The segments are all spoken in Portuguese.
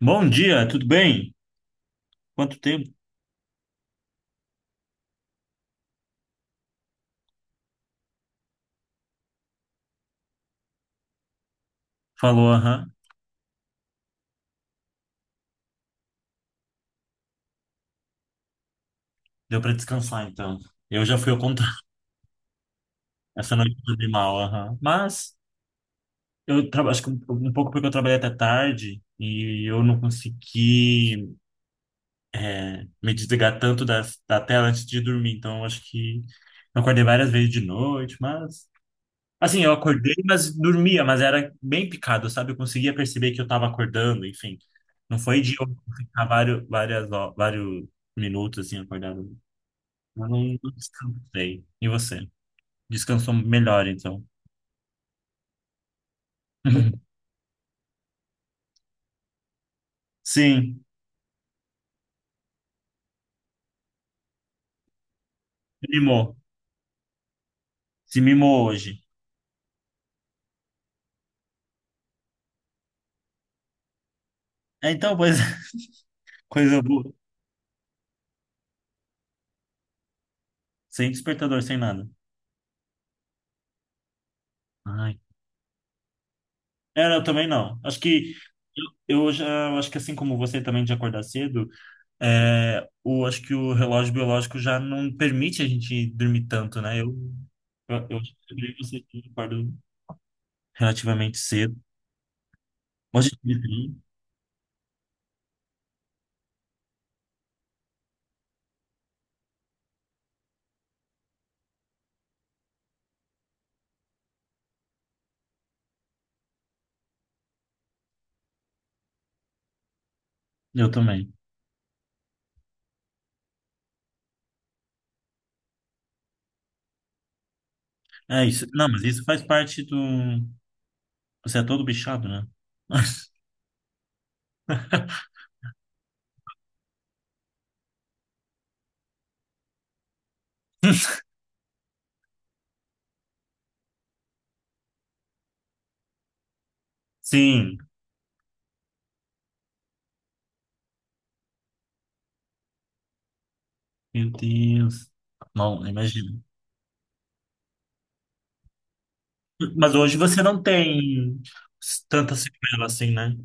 Bom dia, tudo bem? Quanto tempo? Falou, aham. Deu para descansar, então. Eu já fui ao contrário. Essa noite eu dormi mal, aham. Mas acho que um pouco porque eu trabalhei até tarde e eu não consegui me desligar tanto da tela antes de dormir. Então, eu acho que eu acordei várias vezes de noite, mas... Assim, eu acordei, mas dormia, mas era bem picado, sabe? Eu conseguia perceber que eu estava acordando, enfim. Não foi de eu ficar vários minutos, assim, acordado. Eu não descansei. E você? Descansou melhor, então. Sim, se mimou. Se mimou hoje. É, então, pois, coisa boa. Sem despertador, sem nada. Ai. É, eu também não. Acho que eu já, acho que assim como você também de acordar cedo, é, o, acho que o relógio biológico já não permite a gente dormir tanto, né? Eu acho que também você que acordo relativamente cedo. Hoje eu também. Eu também. É isso. Não, mas isso faz parte do. Você é todo bichado, né? Sim, meu Deus. Não, imagino. Mas hoje você não tem tanta sequela assim, né?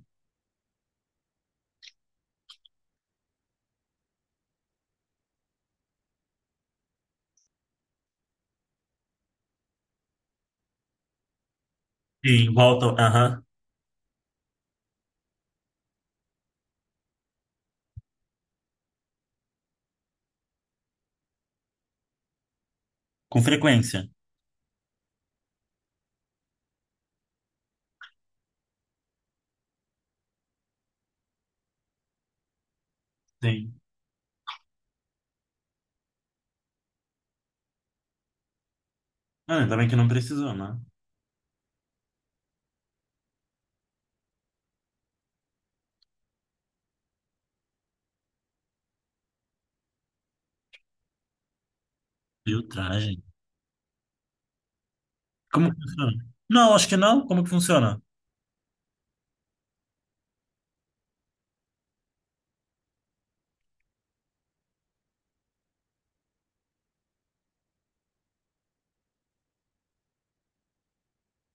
Sim, volta, aham, com frequência. Sim. Ah, ainda bem que não precisou, né? Filtragem. Como que funciona? Não, acho que não. Como que funciona?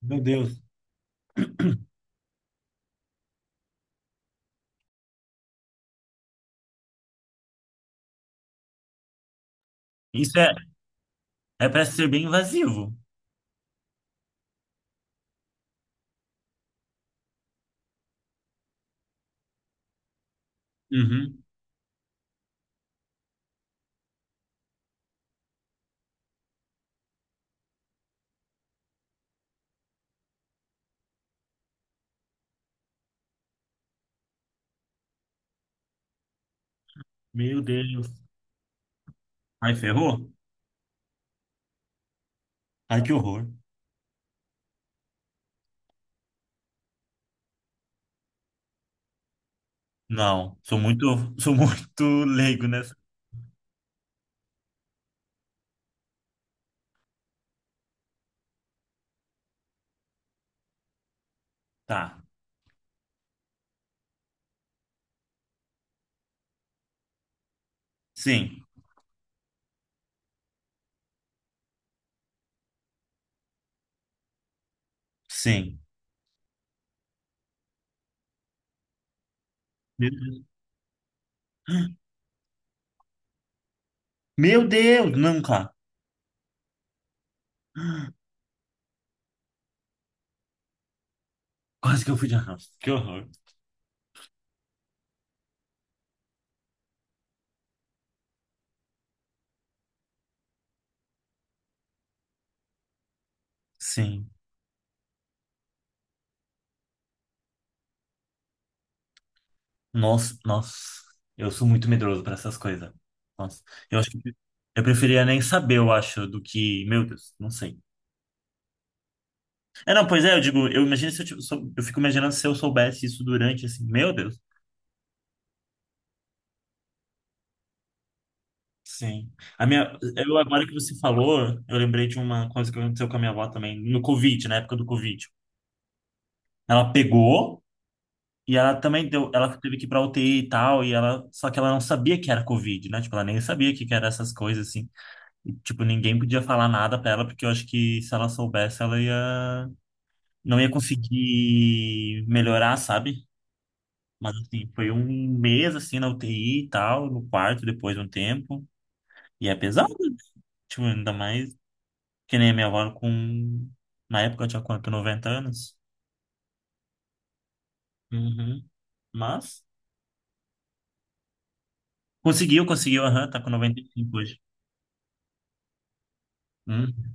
Meu Deus. Isso é, é para ser bem invasivo. Uhum. Meu Deus. Ai, ferrou? Ai, que horror. Não, sou muito, sou muito leigo nessa. Tá. Sim, sim. Meu Deus. Meu Deus, não, cara. Quase que eu fui de arrasto. Que horror. Sim. Nossa, nossa. Eu sou muito medroso para essas coisas. Nossa. Eu acho que eu preferia nem saber, eu acho, do que. Meu Deus, não sei. É, não, pois é, eu digo, eu imagino se eu, eu fico imaginando se eu soubesse isso durante, assim, meu Deus. Sim. Agora que você falou, eu lembrei de uma coisa que aconteceu com a minha avó também, no Covid, na época do Covid. Ela pegou. E ela também deu, ela teve que ir pra UTI e tal, e ela, só que ela não sabia que era Covid, né? Tipo, ela nem sabia que era essas coisas, assim. E, tipo, ninguém podia falar nada pra ela, porque eu acho que se ela soubesse, ela ia, não ia conseguir melhorar, sabe? Mas, assim, foi um mês, assim, na UTI e tal, no quarto, depois de um tempo. E é pesado, né? Tipo, ainda mais que nem a minha avó com, na época eu tinha quanto, 90 anos? Uhum. Mas, conseguiu, conseguiu, aham, tá com 95 hoje. Hum.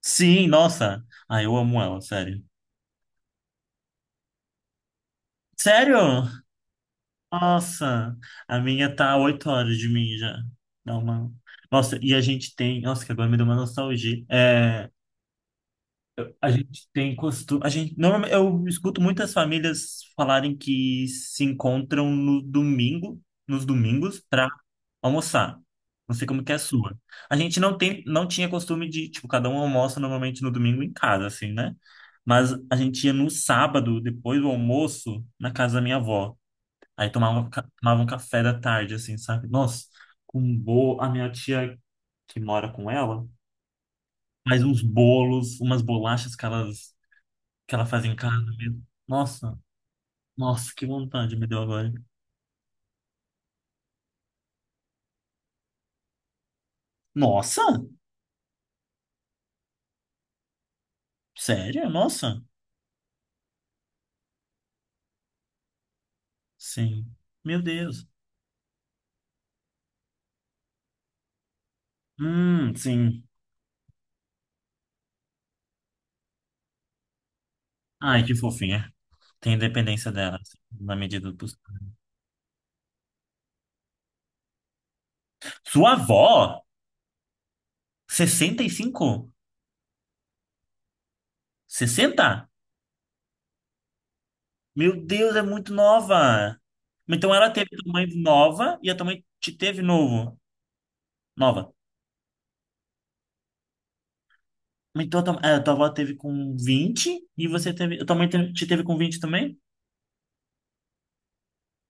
Sim, nossa. Ah, eu amo ela, sério. Sério? Nossa, a minha tá a 8 horas de mim já. Dá uma... Nossa, e a gente tem. Nossa, que agora me deu uma nostalgia. É, a gente tem costume. A gente, normalmente, eu escuto muitas famílias falarem que se encontram no domingo, nos domingos, almoçar. Não sei como que é a sua. A gente não tem, não tinha costume de, tipo, cada um almoça normalmente no domingo em casa, assim, né? Mas a gente ia no sábado, depois do almoço, na casa da minha avó. Aí tomava, tomava um café da tarde, assim, sabe? Nossa, com um bolo. A minha tia que mora com ela faz uns bolos, umas bolachas que, elas, que ela faz em casa mesmo. Nossa, nossa, que vontade me deu agora. Nossa, sério? Nossa, sim. Meu Deus. Sim. Ai, que fofinha. Tem independência dela, assim, na medida do possível. Sua avó? Sessenta e cinco, 60. Meu Deus, é muito nova. Então ela teve tua mãe nova e a tua mãe te teve novo. Nova. Então a tua, é, a tua avó teve com 20 e você teve. A tua mãe te teve com 20 também?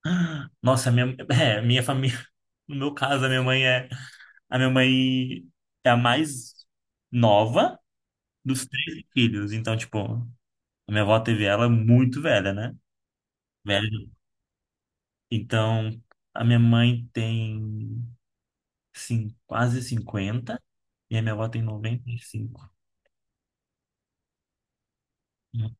Ah, nossa, minha, é, minha família. No meu caso, a minha mãe é. A minha mãe é a mais nova dos três filhos. Então, tipo, a minha avó teve ela muito velha, né? Velho. Então, a minha mãe tem sim, quase 50 e a minha avó tem 95. Hum.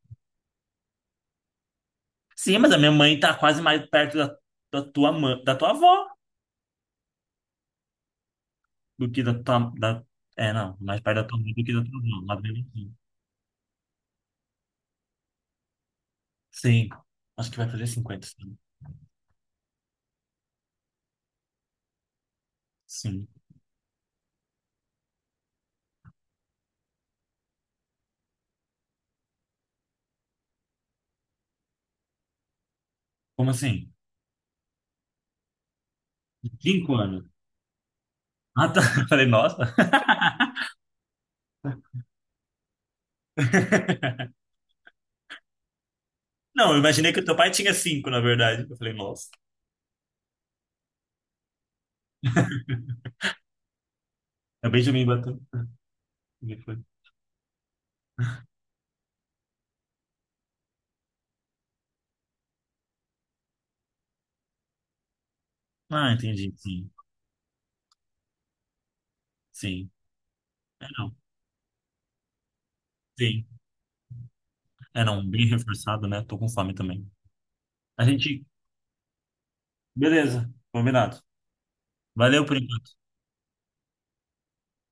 Sim, mas a minha mãe tá quase mais perto da, da tua mãe, da tua avó do que da tua, da, é, não, mais perto da tua mãe do que da tua avó, lá do meu vizinho. Sim, acho que vai fazer cinquenta sim. Sim. Como assim? Cinco anos. Ah, tá. Eu falei, nossa. Não, eu imaginei que o teu pai tinha cinco, na verdade. Eu falei, nossa. Acabei de me bater. Ele foi, ah, entendi, sim. Sim. Sim. É, não, bem reforçado, né? Tô com fome também. A gente. Beleza, combinado. Valeu por enquanto.